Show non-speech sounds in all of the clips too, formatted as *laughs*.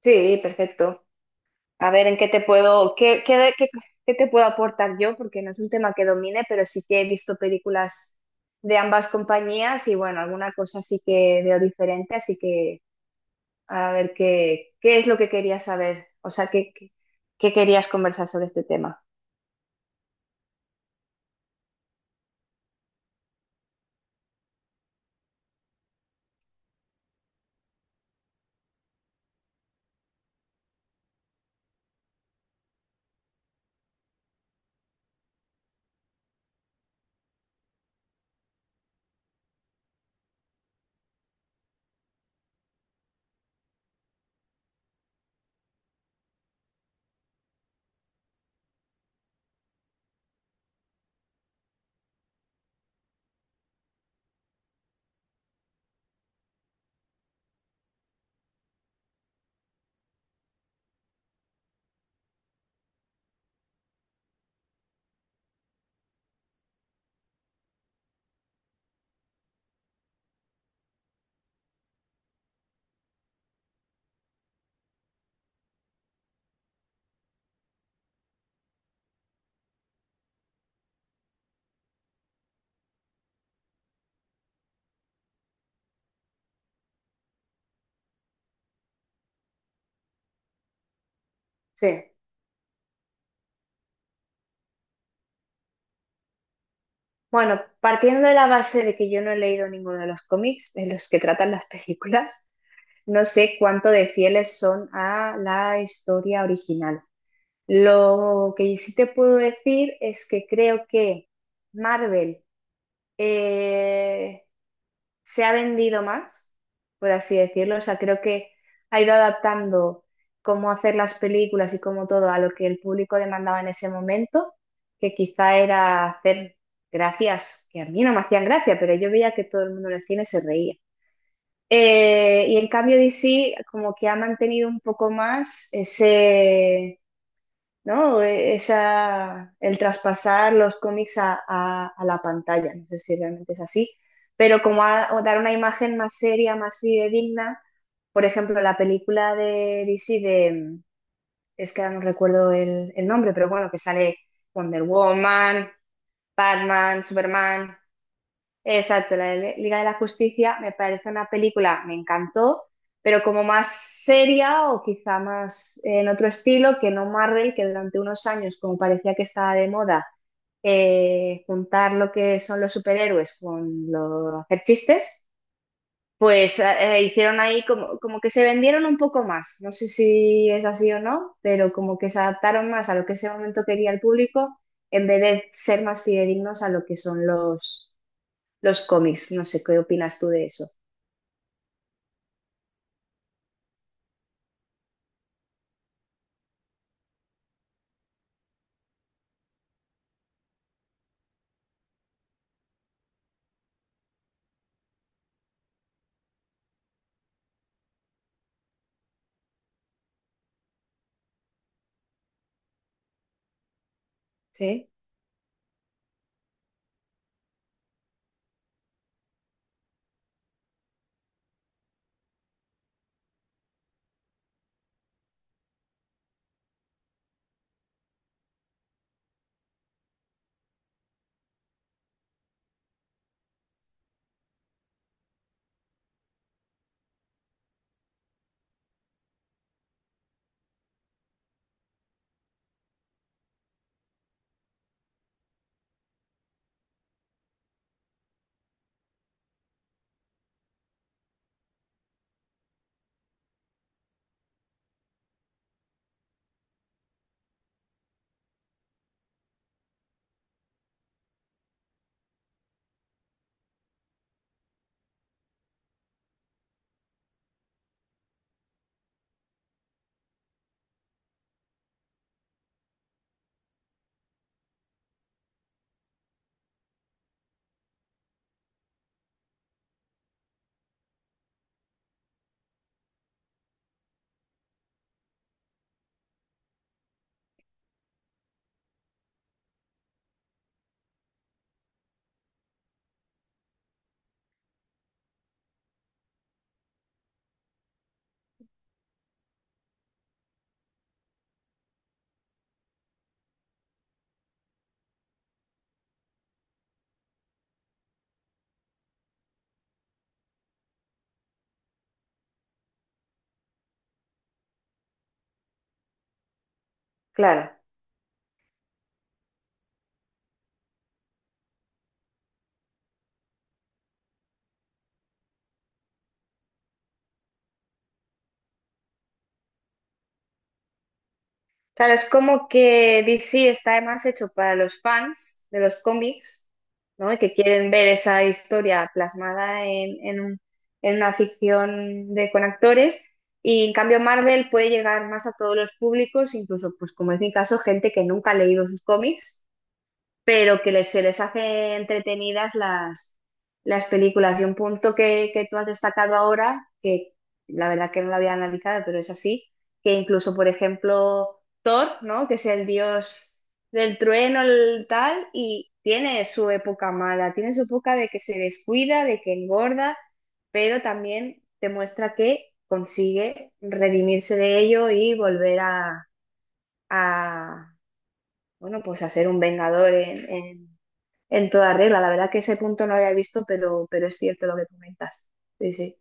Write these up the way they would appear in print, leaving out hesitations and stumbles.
Sí, perfecto. A ver, ¿en qué te puedo, qué te puedo aportar yo? Porque no es un tema que domine, pero sí que he visto películas de ambas compañías y bueno, alguna cosa sí que veo diferente, así que a ver qué es lo que querías saber, o sea, qué querías conversar sobre este tema. Sí. Bueno, partiendo de la base de que yo no he leído ninguno de los cómics de los que tratan las películas, no sé cuánto de fieles son a la historia original. Lo que sí te puedo decir es que creo que Marvel eh, se ha vendido más, por así decirlo. O sea, creo que ha ido adaptando cómo hacer las películas y cómo todo a lo que el público demandaba en ese momento, que quizá era hacer gracias, que a mí no me hacían gracia, pero yo veía que todo el mundo en el cine se reía. Y en cambio DC como que ha mantenido un poco más ese, ¿no? Esa, el traspasar los cómics a la pantalla, no sé si realmente es así, pero o dar una imagen más seria, más fidedigna. Por ejemplo, la película de DC de, es que ahora no recuerdo el nombre, pero bueno, que sale Wonder Woman, Batman, Superman. Exacto, la de Liga de la Justicia me parece una película, me encantó, pero como más seria o quizá más en otro estilo que no Marvel, que durante unos años, como parecía que estaba de moda, juntar lo que son los superhéroes con lo, hacer chistes, pues hicieron ahí como, como que se vendieron un poco más. No sé si es así o no, pero como que se adaptaron más a lo que ese momento quería el público en vez de ser más fidedignos a lo que son los cómics. No sé, ¿qué opinas tú de eso? Sí, claro, claro, es como que DC está más hecho para los fans de los cómics, ¿no? Y que quieren ver esa historia plasmada en una ficción de, con actores. Y en cambio Marvel puede llegar más a todos los públicos, incluso, pues como es mi caso, gente que nunca ha leído sus cómics pero que les, se les hace entretenidas las películas. Y un punto que tú has destacado ahora, que la verdad que no lo había analizado, pero es así, que incluso, por ejemplo, Thor, ¿no? Que es el dios del trueno, el tal, y tiene su época mala, tiene su época de que se descuida, de que engorda, pero también te muestra que consigue redimirse de ello y volver a, bueno, pues a ser un vengador en toda regla. La verdad que ese punto no lo había visto, pero es cierto lo que comentas. Sí, sí,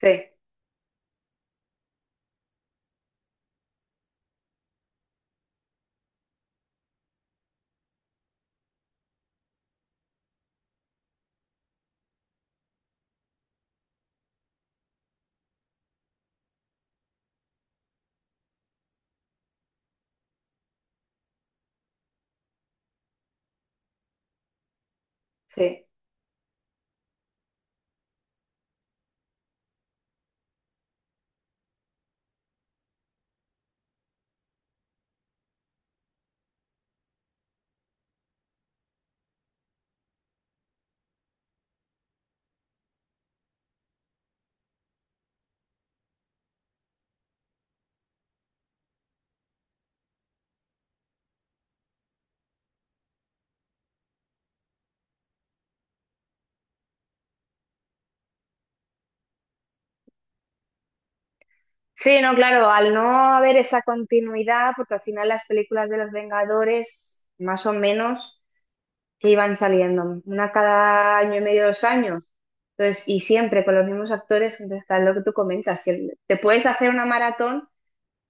sí, sí. Sí, no, claro, al no haber esa continuidad, porque al final las películas de los Vengadores, más o menos, que iban saliendo, una cada año y medio, dos años, entonces, y siempre con los mismos actores, entonces, claro, lo que tú comentas, que te puedes hacer una maratón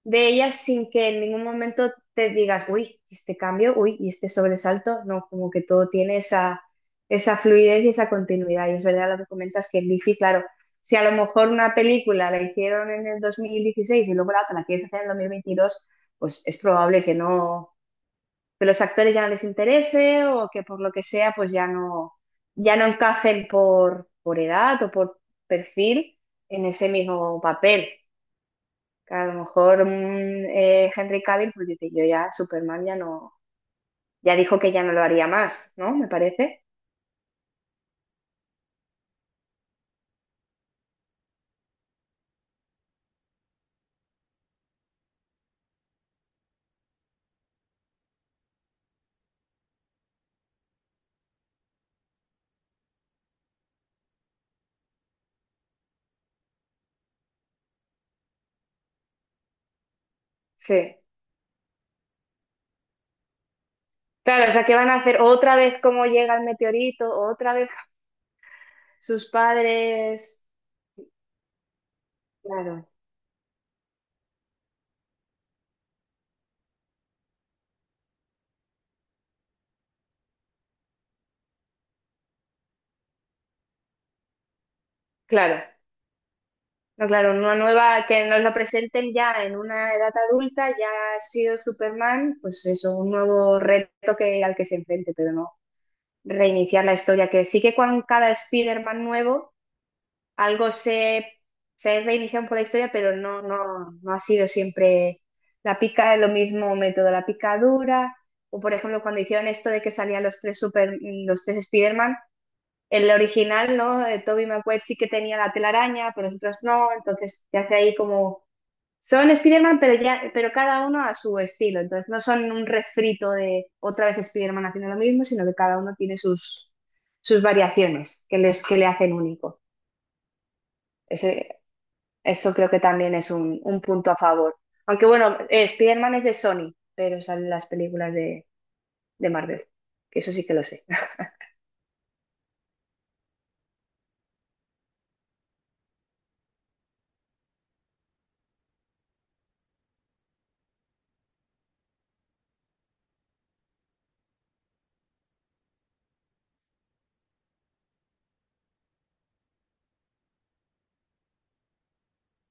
de ellas sin que en ningún momento te digas, uy, este cambio, uy, y este sobresalto, no, como que todo tiene esa fluidez y esa continuidad. Y es verdad lo que comentas que en DC, claro, si a lo mejor una película la hicieron en el 2016 y luego la otra la quieres hacer en el 2022, pues es probable que no, que los actores ya no les interese o que por lo que sea, pues ya no, ya no encajen por edad o por perfil en ese mismo papel, que a lo mejor Henry Cavill pues dice, yo ya, Superman ya no, ya dijo que ya no lo haría más, ¿no? Me parece. Sí. Claro, o sea, ¿qué van a hacer? Otra vez cómo llega el meteorito, otra vez sus padres. Claro, claro. No, claro, una nueva que nos lo presenten ya en una edad adulta, ya ha sido Superman, pues eso, un nuevo reto que, al que se enfrente, pero no reiniciar la historia, que sí que con cada Spider-Man nuevo algo se reinicia por la historia, pero no ha sido siempre la pica, lo mismo método, la picadura, o por ejemplo cuando hicieron esto de que salían los tres super, los tres Spider-Man, el original, ¿no? Tobey Maguire sí que tenía la telaraña, pero los otros no, entonces te hace ahí como, son Spider-Man, pero ya, pero cada uno a su estilo, entonces no son un refrito de otra vez Spider-Man haciendo lo mismo, sino que cada uno tiene sus variaciones que les, que le hacen único. Eso creo que también es un punto a favor. Aunque bueno, Spider-Man es de Sony, pero salen las películas de Marvel, que eso sí que lo sé. *laughs*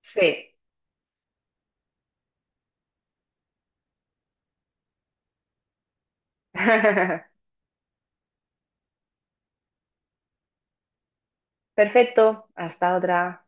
Sí. *laughs* Perfecto, hasta otra.